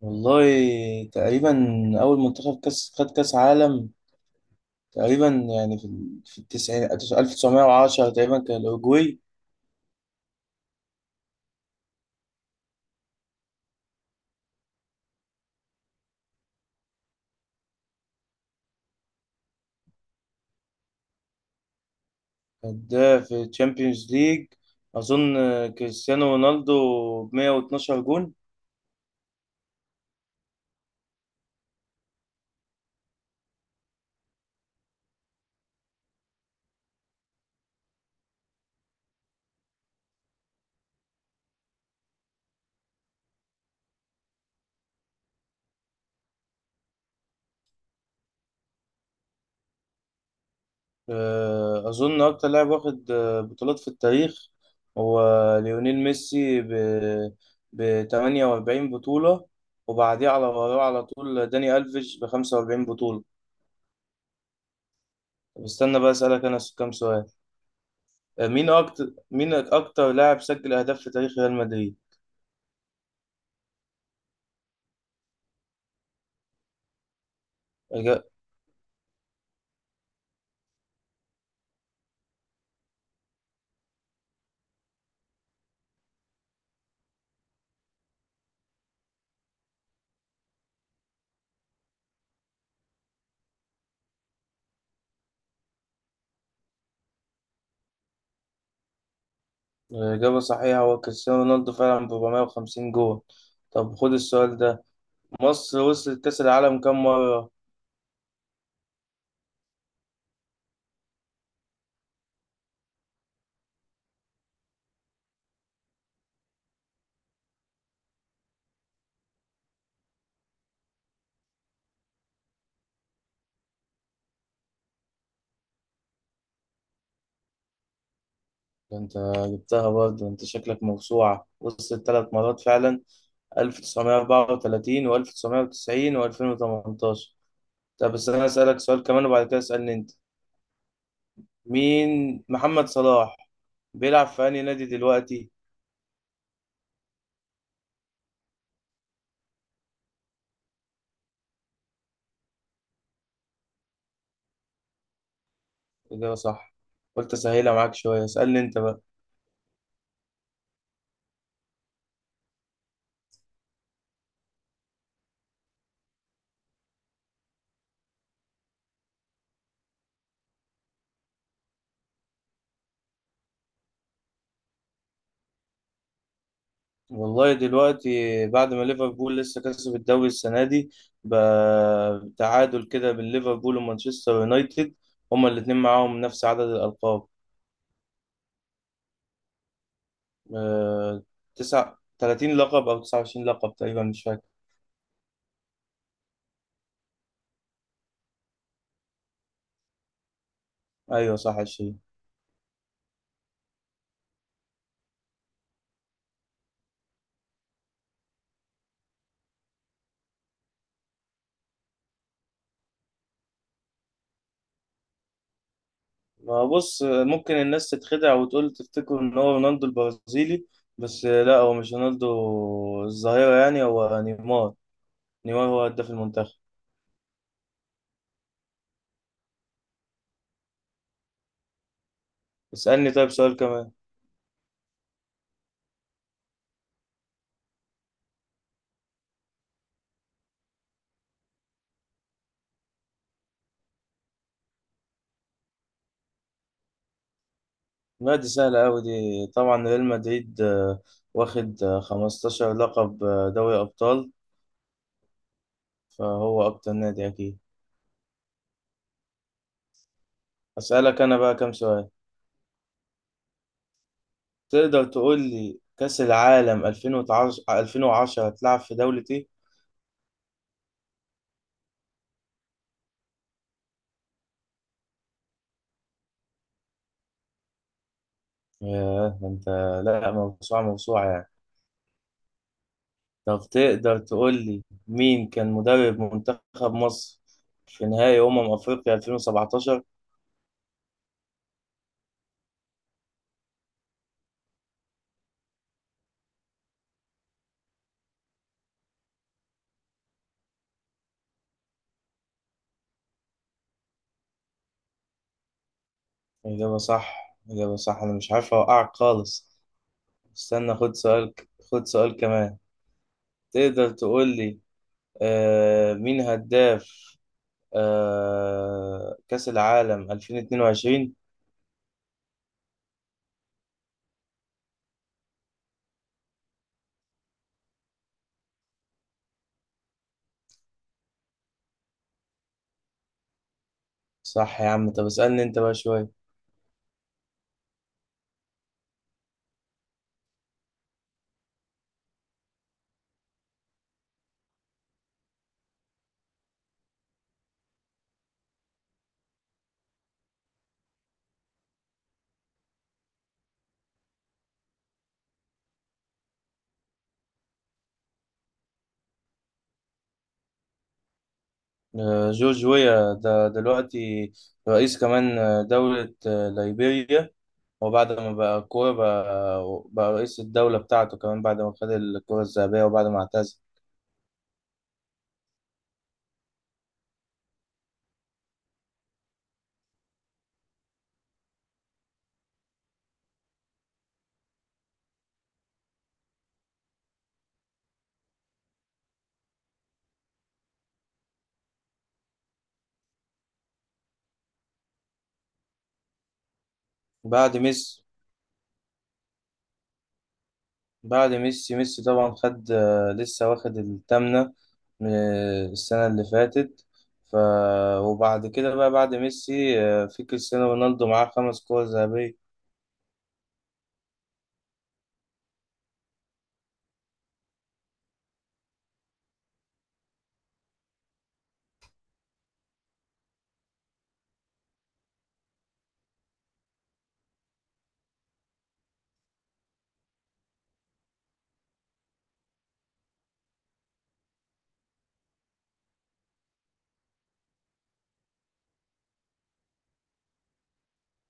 والله، تقريبا أول منتخب خد كاس عالم تقريبا، يعني في التسعين، 1910 تقريبا كان الأوروجواي. كان ده في تشامبيونز ليج أظن، كريستيانو رونالدو ب112 جون. أظن أكتر لاعب واخد بطولات في التاريخ هو ليونيل ميسي ب48 بطولة، وبعديه على وراه على طول داني ألفيش ب45 بطولة. طب استنى بقى، أسألك أنا كام سؤال. مين أكتر لاعب سجل أهداف في تاريخ ريال مدريد؟ إجا- إجابة صحيحة، هو كريستيانو رونالدو فعلا ب 450 جول. طب خد السؤال ده، مصر وصلت كأس العالم كم مرة؟ ده أنت جبتها برضه، أنت شكلك موسوعة، وصلت ثلاث مرات فعلا، 1934 و1990 و2018. طب بس أنا أسألك سؤال كمان وبعد كده اسألني أنت. مين محمد صلاح بيلعب في أنهي نادي دلوقتي؟ إجابة صح. قلت أسهلها معاك شوية، اسألني أنت بقى. والله دلوقتي بعد ما ليفربول لسه كسب الدوري السنة دي، بتعادل كده بين ليفربول ومانشستر يونايتد. هما الاتنين معاهم نفس عدد الألقاب. آه، 30 لقب أو 29 لقب تقريبا، مش فاكر. أيوه صح، 20. ما بص، ممكن الناس تتخدع وتقول تفتكر إن هو رونالدو البرازيلي، بس لا، هو مش رونالدو الظاهرة يعني، هو نيمار. نيمار هو هداف المنتخب. اسألني طيب سؤال كمان. لا دي سهلة أوي، دي طبعا ريال مدريد، واخد 15 لقب دوري أبطال، فهو أكتر نادي أكيد. أسألك أنا بقى كام سؤال. تقدر تقول لي كأس العالم 2010، 2010 هتلعب في دولة إيه؟ ياه ده أنت، لا موسوعة موسوعة يعني. طب تقدر تقول لي مين كان مدرب منتخب مصر في نهائي أمم أفريقيا 2017؟ إجابة صح. إجابة صح. أنا مش عارف أوقعك خالص. استنى خد سؤال. خد سؤال كمان. تقدر تقول لي مين هداف كأس العالم 2022. صح يا عم، طب اسألني انت بقى شوية. آه جورج ويا ده دلوقتي رئيس كمان دولة ليبيريا. وبعد ما بقى كورة بقى رئيس الدولة بتاعته كمان، بعد ما خد الكرة الذهبية وبعد ما اعتزل. بعد ميسي بعد ميسي، ميسي طبعا خد، لسه واخد التامنة من السنة اللي فاتت. ف وبعد كده بقى بعد ميسي، في كريستيانو رونالدو معاه خمس كور ذهبية.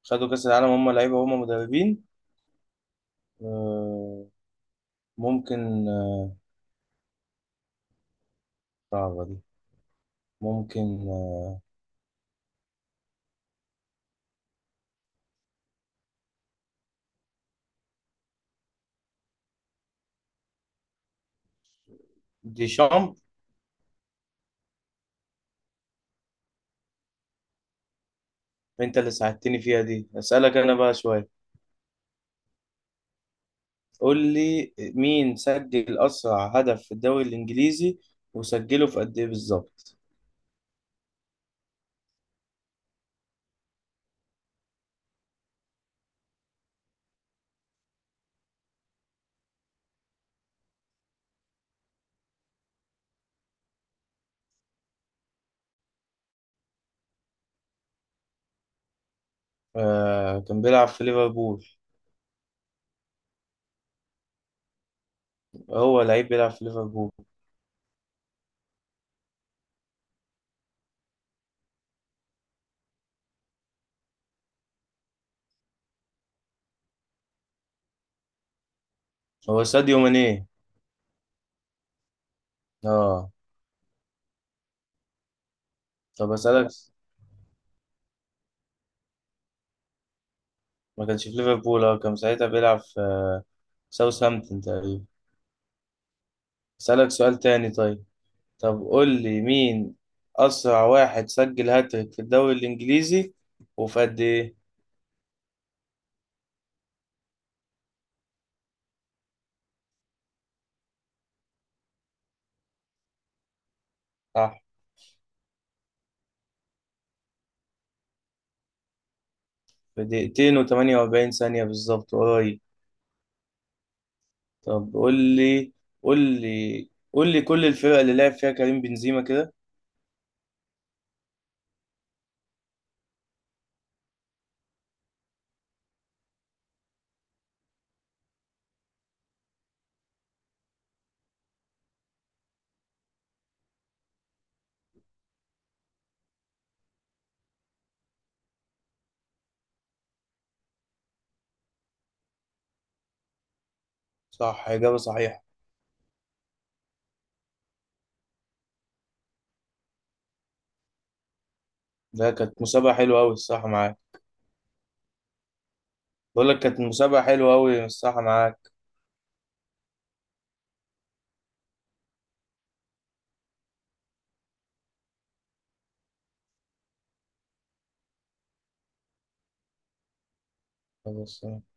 خدوا كأس العالم هم لعيبة هم مدربين. آه، ممكن، صعبة دي، ممكن، آه، ديشامب. انت اللي ساعدتني فيها دي، اسألك انا بقى شوية. قول لي مين سجل أسرع هدف في الدوري الإنجليزي وسجله في قد إيه بالظبط. كان بيلعب في ليفربول. هو لعيب بيلعب في ليفربول. هو ساديو ماني. اه. طب اسالك. ما كانش في ليفربول، اه كان ساعتها بيلعب في ساوثهامبتون تقريبا. اسالك سؤال تاني طيب. طب قول لي مين اسرع واحد سجل هاتريك في الدوري الانجليزي وفي قد ايه. صح. في دقيقتين و48 ثانية بالظبط، قريب. طب قول لي قول لي كل الفرق اللي لعب فيها كريم بنزيما كده. صح إجابة صحيحة. ده كانت مسابقة حلوة أوي، الصح معاك. بقول لك كانت مسابقة حلوة أوي الصراحة معاك. بس